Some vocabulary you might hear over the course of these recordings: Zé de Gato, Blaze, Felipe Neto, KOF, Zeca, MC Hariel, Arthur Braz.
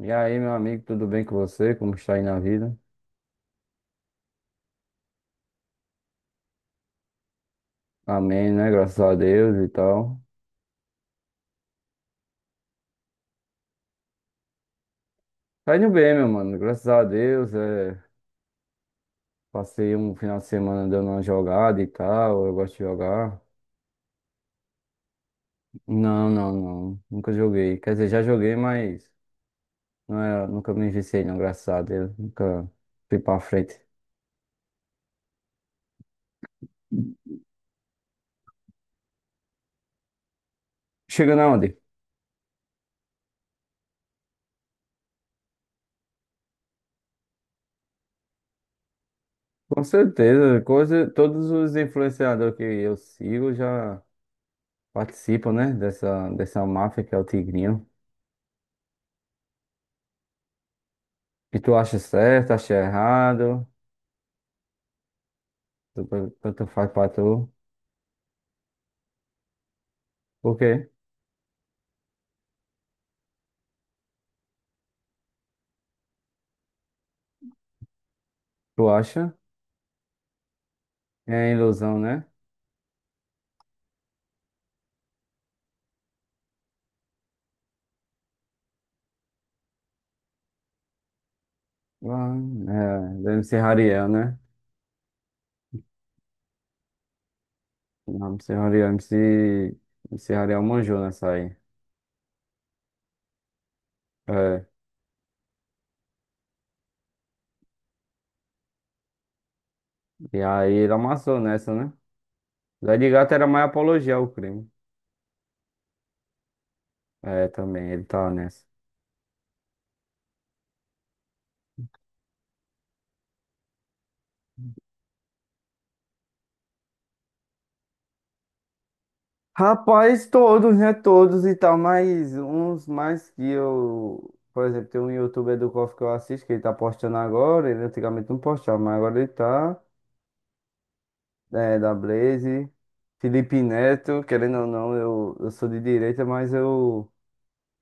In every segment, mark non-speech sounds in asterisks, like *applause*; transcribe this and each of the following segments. E aí, meu amigo, tudo bem com você? Como está aí na vida? Amém, né? Graças a Deus e tal. Tá indo bem, meu mano. Graças a Deus. Passei um final de semana dando uma jogada e tal. Eu gosto de jogar. Não, não, não. Nunca joguei. Quer dizer, já joguei, mas não era... nunca me viciei, não. Graças a Deus. Nunca fui pra frente. Chegando aonde? Com certeza. Coisa... Todos os influenciadores que eu sigo já participam, né? Dessa máfia que é o Tigrinho. E tu acha certo, acha errado? Tanto faz pra tu. Por quê? Tu acha? É ilusão, né? Ah, é, do MC Hariel, né? Não, MC Hariel, MC, MC Hariel manjou nessa aí. É, e aí ele amassou nessa, né? Zé de Gato era mais apologia ao crime. É, também, ele tá nessa. Rapaz, todos, né? Todos e tal, mas uns mais que eu. Por exemplo, tem um youtuber do KOF que eu assisto, que ele tá postando agora. Ele antigamente não postava, mas agora ele tá. É, da Blaze. Felipe Neto, querendo ou não, eu sou de direita, mas eu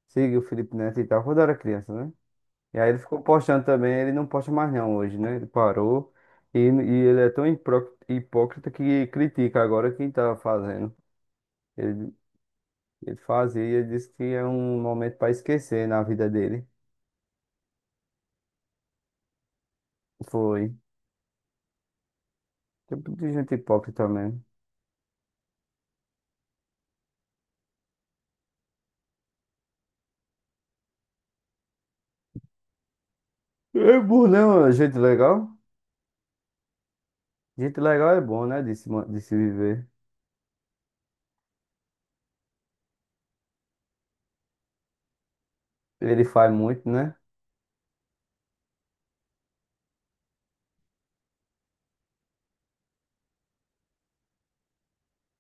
sigo o Felipe Neto e tal, quando eu era criança, né? E aí ele ficou postando também, ele não posta mais não hoje, né? Ele parou. E ele é tão hipócrita que critica agora quem tá fazendo. Ele Ele fazia, ele disse que é um momento para esquecer na vida dele. Foi. Tipo de gente hipócrita mesmo. É bom, né, mano? Gente legal? Gente legal é bom, né? De se viver. Ele faz muito, né?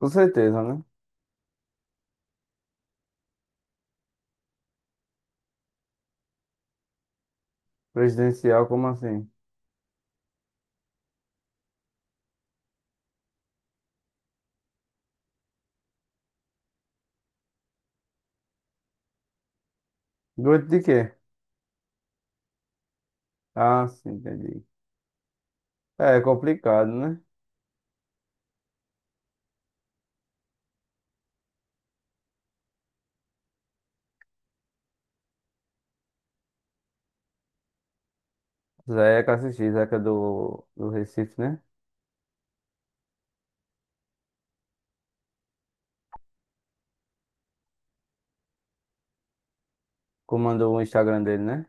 Com certeza, né? Presidencial, como assim? Doido de quê? Ah, sim, entendi. É, é complicado, né? Zeca assisti, Zeca do Recife, né? Comandou o Instagram dele, né?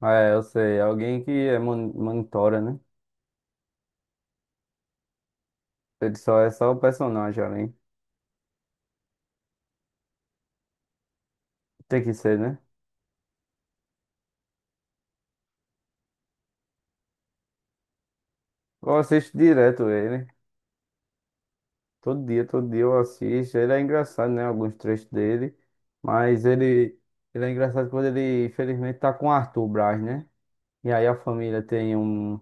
Ah, é, eu sei. Alguém que é monitora, né? Ele só é só o personagem ali. Tem que ser, né? Eu assisto direto ele. Todo dia eu assisto. Ele é engraçado, né? Alguns trechos dele. Mas ele, ele é engraçado quando ele, infelizmente, tá com o Arthur Braz, né? E aí a família tem um,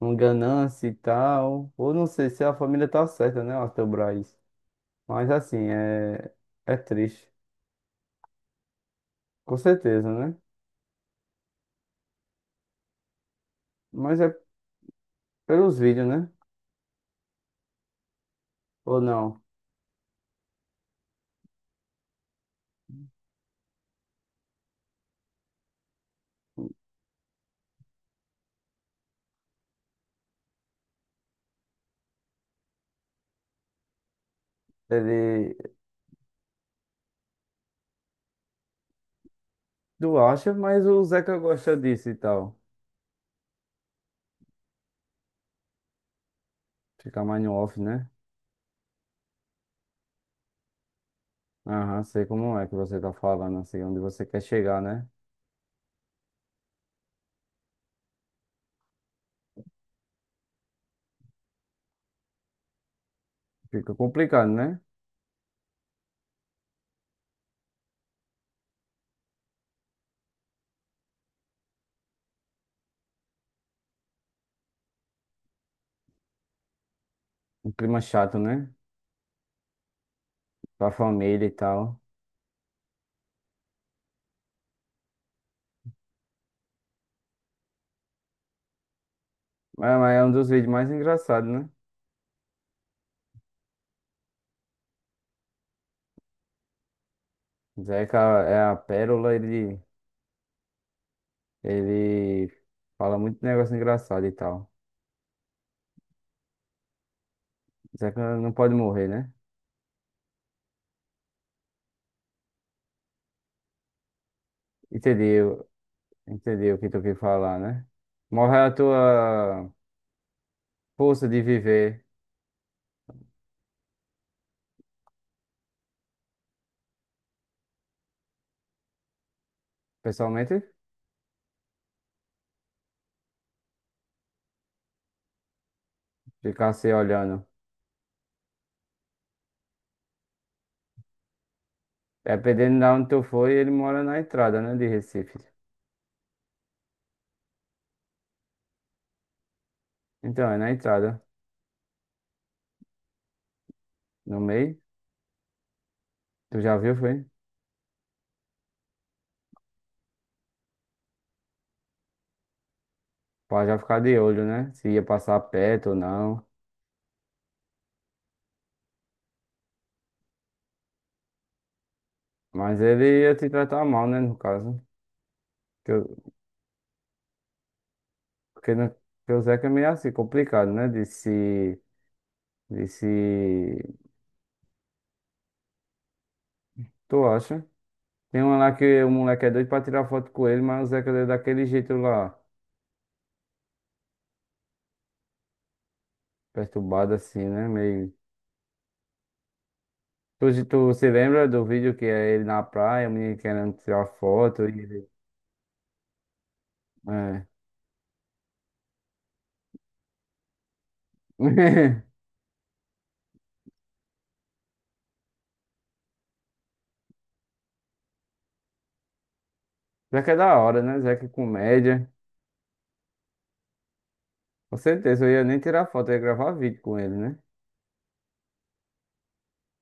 um ganância e tal. Ou não sei se a família tá certa, né? Arthur Braz. Mas assim, é, é triste. Com certeza, né? Mas é pelos vídeos, né? Ou não? Ele. Tu acha, mas o Zeca gosta disso e tal. Fica mais no off, né? Aham, sei como é que você tá falando, assim, onde você quer chegar, né? Fica complicado, né? Um clima chato, né? Pra família e tal. Mas é um dos vídeos mais engraçados, né? Zeca é a pérola, ele fala muito negócio engraçado e tal. Zeca não pode morrer, né? Entendeu? Entendeu o que tu quis falar, né? Morre a tua força de viver, pessoalmente, ficar se olhando. Dependendo de onde tu foi, ele mora na entrada, né, de Recife. Então, é na entrada, no meio. Tu já viu, foi? Pra já ficar de olho, né? Se ia passar perto ou não. Mas ele ia te tratar mal, né? No caso. Que eu- Porque, porque o Zeca é meio assim, complicado, né? De se. De se. Tu acha? Tem um lá que o moleque é doido pra tirar foto com ele, mas o Zeca deu daquele jeito lá. Perturbado assim, né? Meio. Tu se lembra do vídeo que é ele na praia, o menino querendo tirar foto e ele. É. *laughs* Zeca é da hora, né? Zeca é comédia. Com certeza, eu ia nem tirar foto, eu ia gravar vídeo com ele, né?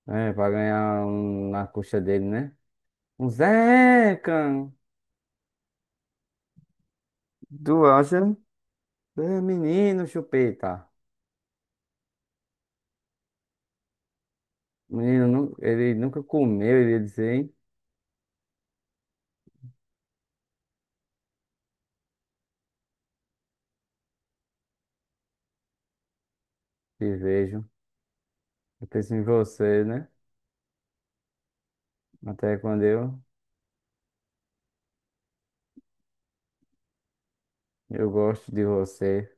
É, pra ganhar um, na coxa dele, né? Um Zeca! Tu acha? É, menino, chupeta. Menino, ele nunca comeu, ele ia dizer, hein? Te vejo. Eu penso em você, né? Até quando eu gosto de você.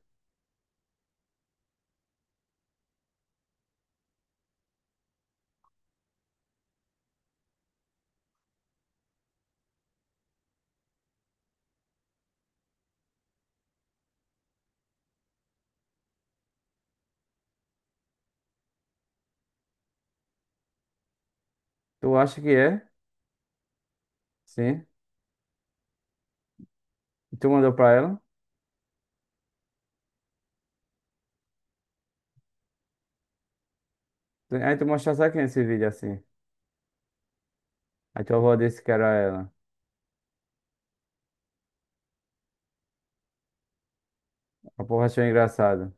Tu acha que é? Sim. E tu mandou pra ela? Aí tu mostrasse aqui nesse vídeo assim. Aí tua avó disse que era ela. A porra achou engraçado.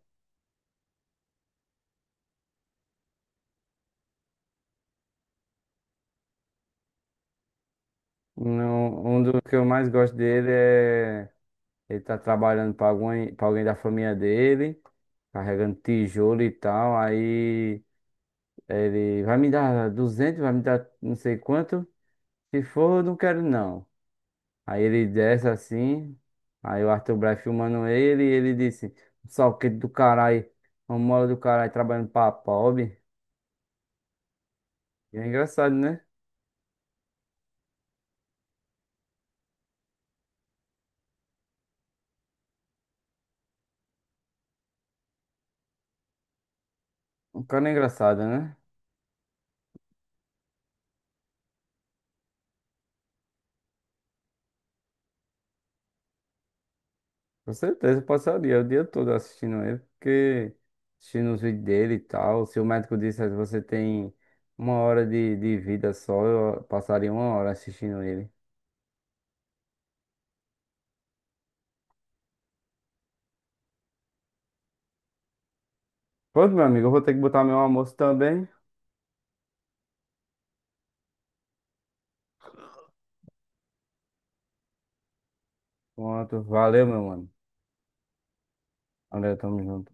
Não, um dos que eu mais gosto dele é. Ele tá trabalhando pra alguém da família dele, carregando tijolo e tal. Aí ele vai me dar 200, vai me dar não sei quanto. Se for, eu não quero não. Aí ele desce assim. Aí o Arthur Braz filmando ele e ele disse: salquete do caralho, uma mola do caralho trabalhando pra pobre. E é engraçado, né? O cara é engraçado, né? Com certeza, eu passaria o dia todo assistindo ele, porque assistindo os vídeos dele e tal. Se o médico dissesse você tem uma hora de vida só, eu passaria uma hora assistindo ele. Pronto, meu amigo, eu vou ter que botar meu almoço também. Pronto, valeu, meu mano. Valeu, tamo junto.